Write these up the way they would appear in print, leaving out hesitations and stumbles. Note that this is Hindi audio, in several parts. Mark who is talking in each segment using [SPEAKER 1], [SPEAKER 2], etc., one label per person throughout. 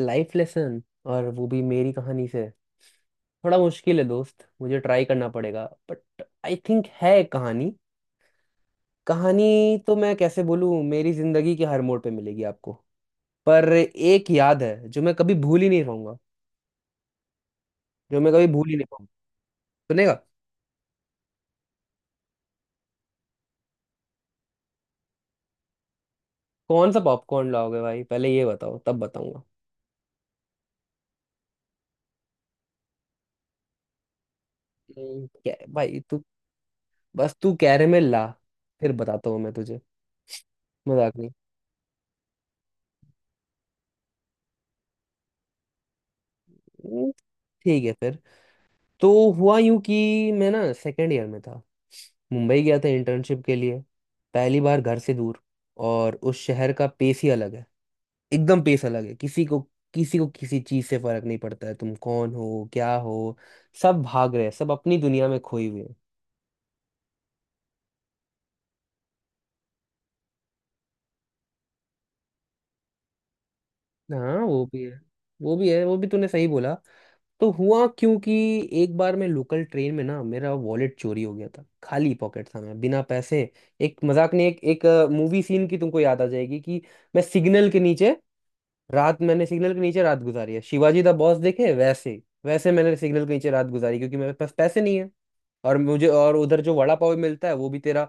[SPEAKER 1] लाइफ लेसन और वो भी मेरी कहानी से थोड़ा मुश्किल है दोस्त। मुझे ट्राई करना पड़ेगा बट आई थिंक है एक कहानी कहानी। तो मैं कैसे बोलूँ, मेरी जिंदगी के हर मोड़ पे मिलेगी आपको। पर एक याद है जो मैं कभी भूल ही नहीं पाऊंगा। जो मैं कभी भूल ही नहीं पाऊंगा सुनेगा? कौन सा पॉपकॉर्न लाओगे भाई, पहले ये बताओ तब बताऊंगा। क्या भाई तू। बस तू कैरेमल ला, फिर बताता हूँ मैं तुझे। मजाक नहीं। हम्म, ठीक है फिर। तो हुआ यूं कि मैं ना सेकेंड ईयर में था। मुंबई गया था इंटर्नशिप के लिए। पहली बार घर से दूर। और उस शहर का पेस ही अलग है। एकदम पेस अलग है। किसी को किसी चीज से फर्क नहीं पड़ता है, तुम कौन हो क्या हो। सब भाग रहे हैं, सब अपनी दुनिया में खोए हुए हैं। हाँ वो भी है। वो भी है। वो भी तूने सही बोला। तो हुआ क्योंकि एक बार मैं लोकल ट्रेन में ना, मेरा वॉलेट चोरी हो गया था। खाली पॉकेट था, मैं बिना पैसे। एक मजाक नहीं। एक एक मूवी सीन की तुमको याद आ जाएगी कि मैं सिग्नल के नीचे मैंने सिग्नल के नीचे रात गुजारी है, शिवाजी द बॉस देखे वैसे। वैसे मैंने सिग्नल के नीचे रात गुजारी क्योंकि मेरे पास पैसे नहीं है। और मुझे, और उधर जो वड़ा पाव मिलता है वो भी तेरा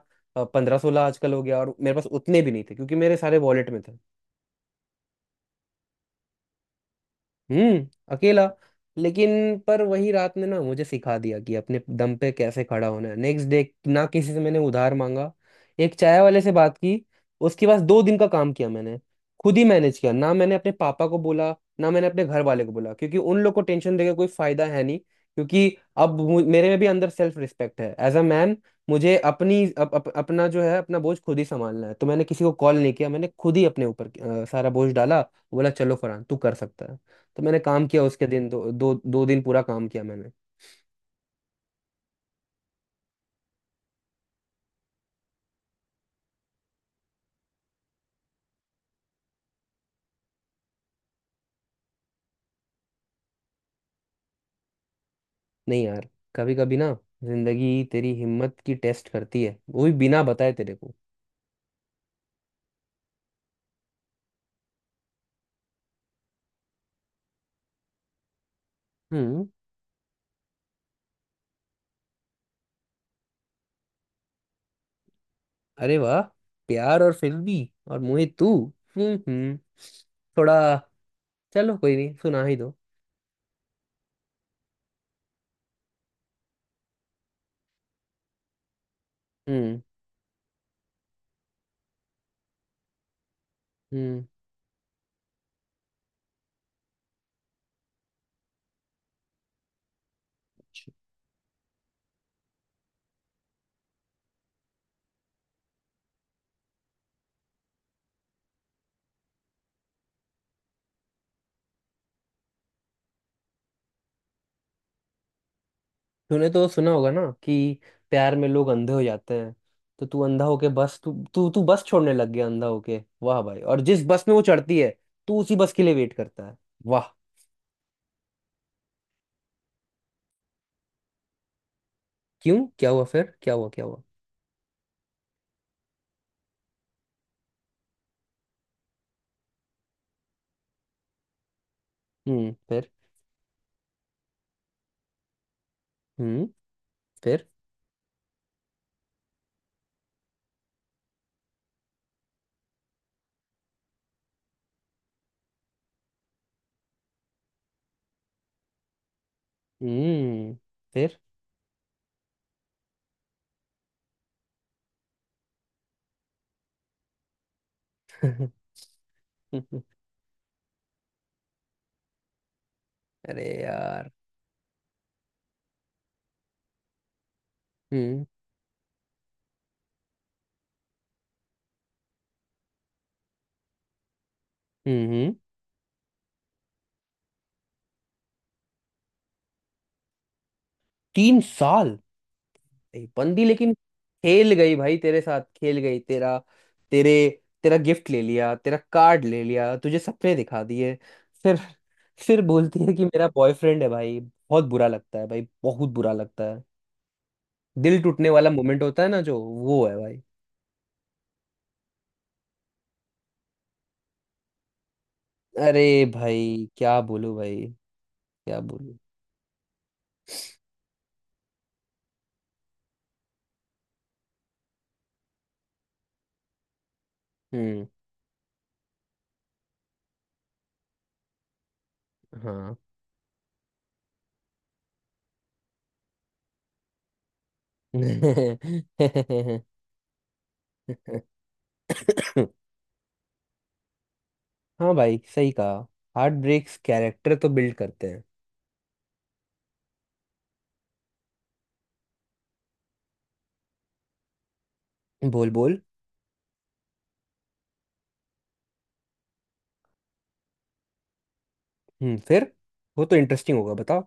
[SPEAKER 1] 15-16 आजकल हो गया, और मेरे पास उतने भी नहीं थे क्योंकि मेरे सारे वॉलेट में थे। हम्म। अकेला। लेकिन पर वही रात ने ना मुझे सिखा दिया कि अपने दम पे कैसे खड़ा होना है। नेक्स्ट डे ना किसी से मैंने उधार मांगा। एक चाय वाले से बात की। उसके पास 2 दिन का काम किया मैंने। खुद ही मैनेज किया। ना मैंने अपने पापा को बोला, ना मैंने अपने घर वाले को बोला, क्योंकि उन लोग को टेंशन देकर कोई फायदा है नहीं। क्योंकि अब मेरे में भी अंदर सेल्फ रिस्पेक्ट है, एज अ मैन। मुझे अपना जो है अपना बोझ खुद ही संभालना है। तो मैंने किसी को कॉल नहीं किया, मैंने खुद ही अपने ऊपर सारा बोझ डाला। बोला चलो फरहान तू कर सकता है। तो मैंने काम किया, उसके दिन दो दो दो दिन पूरा काम किया मैंने। नहीं यार। कभी कभी ना जिंदगी तेरी हिम्मत की टेस्ट करती है, वो भी बिना बताए तेरे को। हम्म। अरे वाह। प्यार और फिल्मी। और मोहित तू। हम्म हम्म थोड़ा, चलो कोई नहीं, सुना ही दो। हम्म हम्म तूने तो सुना होगा ना कि प्यार में लोग अंधे हो जाते हैं। तो तू अंधा होके बस, तू तू तू बस छोड़ने लग गया, अंधा होके वाह भाई। और जिस बस में वो चढ़ती है, तू उसी बस के लिए वेट करता है। वाह। क्यों, क्या हुआ, फिर क्या हुआ, क्या हुआ? हम्म। फिर? हम्म। फिर? हम्म। फिर? अरे यार। हम्म। हम्म। हम्म। 3 साल। बंदी लेकिन खेल गई भाई, तेरे साथ खेल गई। तेरे तेरा गिफ्ट ले लिया, तेरा कार्ड ले लिया, तुझे सपने दिखा दिए। फिर बोलती है कि मेरा बॉयफ्रेंड है। भाई बहुत बुरा लगता है, भाई बहुत बुरा लगता है। दिल टूटने वाला मोमेंट होता है ना, जो वो है भाई। अरे भाई क्या बोलूं भाई। क्या बोलूं। हम्म। हाँ। हाँ भाई सही कहा। हार्ट ब्रेक्स कैरेक्टर तो बिल्ड करते हैं। बोल बोल। हम्म। फिर? वो तो इंटरेस्टिंग होगा, बताओ।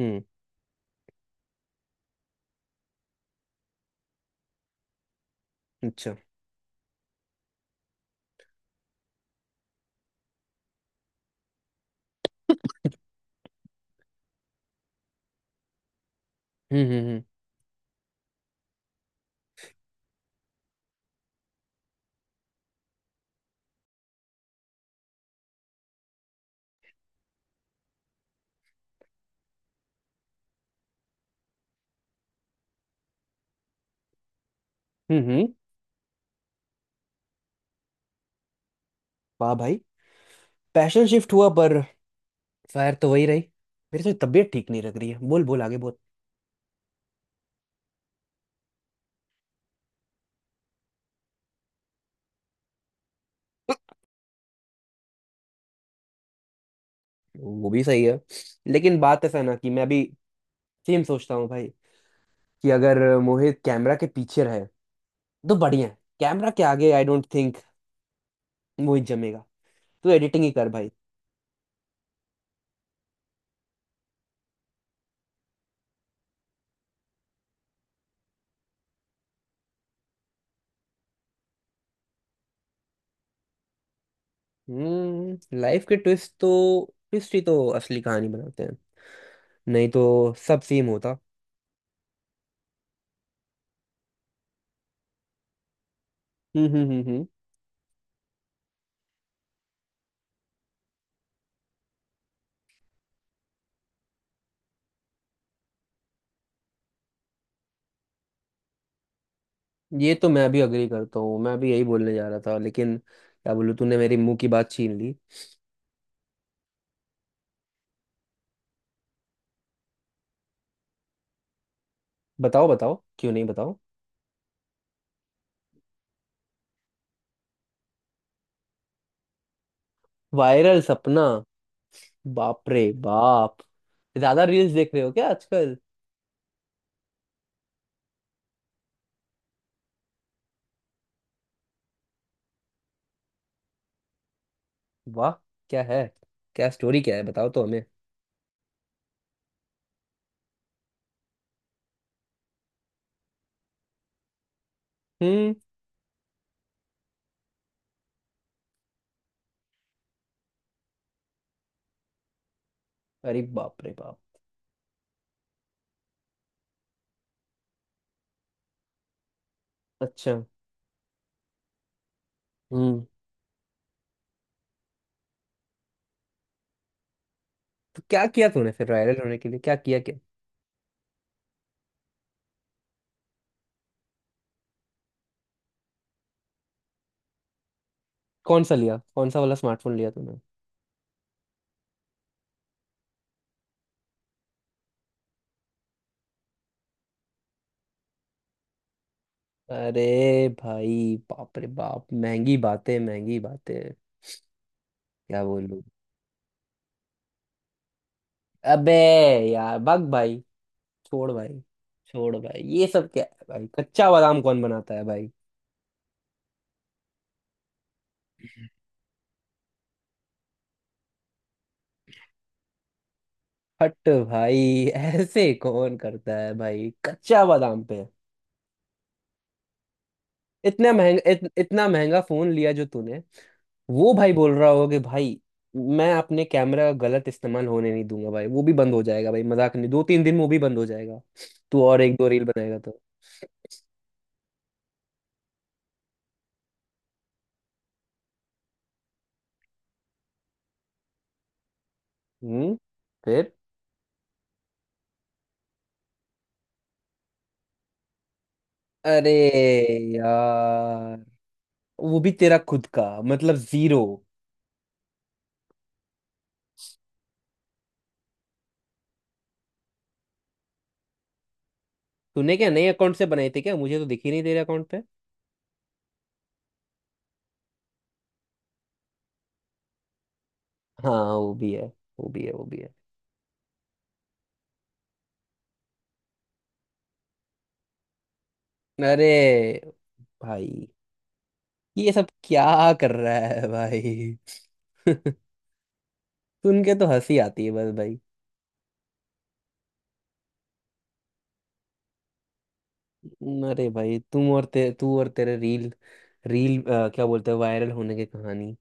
[SPEAKER 1] हम्म। अच्छा। हम्म। हम्म। हम्म। हम्म। वाह भाई। पैशन शिफ्ट हुआ, पर फायर तो वही रही। मेरी तो तबीयत ठीक नहीं लग रही है। बोल बोल आगे बोल। वो भी सही है। लेकिन बात ऐसा है ना कि मैं भी सेम सोचता हूँ भाई, कि अगर मोहित कैमरा के पीछे रहे तो बढ़िया है। कैमरा के आगे आई डोंट थिंक मोहित जमेगा। तू एडिटिंग ही कर भाई। लाइफ के ट्विस्ट तो, ट्विस्ट ही तो असली कहानी बनाते हैं। नहीं तो सब सेम होता। हम्म। हम्म। हम्म। हम्म। ये तो मैं भी अग्री करता हूँ, मैं भी यही बोलने जा रहा था, लेकिन क्या बोलूँ तूने मेरे मुंह की बात छीन ली। बताओ बताओ, क्यों नहीं, बताओ। वायरल सपना। बाप रे बाप। ज्यादा रील्स देख रहे हो क्या आजकल? वाह। क्या है, क्या स्टोरी क्या है, बताओ तो हमें। हम्म। अरे बाप रे बाप। अच्छा। हम्म तो क्या किया तूने फिर वायरल होने के लिए, क्या किया क्या? कौन सा लिया, कौन सा वाला स्मार्टफोन लिया तूने? अरे भाई बाप रे बाप, महंगी बातें महंगी बातें। क्या बोलूं। अबे यार भग भाई, छोड़ भाई, छोड़ भाई ये सब क्या है भाई, कच्चा बादाम कौन बनाता है भाई? हट भाई ऐसे कौन करता है भाई कच्चा बादाम पे? इतना महंगा इतना महंगा फोन लिया जो तूने। वो भाई बोल रहा होगा कि भाई मैं अपने कैमरा का गलत इस्तेमाल होने नहीं दूंगा, भाई वो भी बंद हो जाएगा भाई, मजाक नहीं दो तीन दिन में वो भी बंद हो जाएगा। तू और एक दो रील बनाएगा तो। हम्म। फिर? अरे यार। वो भी तेरा खुद का। मतलब जीरो। तूने क्या नए अकाउंट से बनाए थे क्या, मुझे तो दिख ही नहीं तेरे अकाउंट पे। हाँ वो भी है, वो भी है, वो भी है। अरे भाई ये सब क्या कर रहा है भाई? सुन के तो हंसी आती है बस भाई। अरे भाई तुम और तू और तेरे रील, रील क्या बोलते हैं, वायरल होने की कहानी।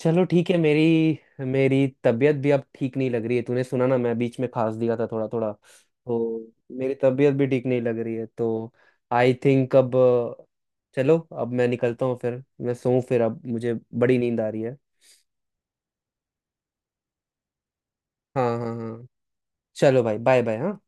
[SPEAKER 1] चलो ठीक है। मेरी मेरी तबीयत भी अब ठीक नहीं लग रही है। तूने सुना ना मैं बीच में खांस दिया था थोड़ा थोड़ा, तो मेरी तबीयत भी ठीक नहीं लग रही है। तो आई थिंक अब चलो अब मैं निकलता हूँ, फिर मैं सोऊं, फिर अब मुझे बड़ी नींद आ रही है। हाँ हाँ हाँ। चलो भाई, बाय बाय। हाँ।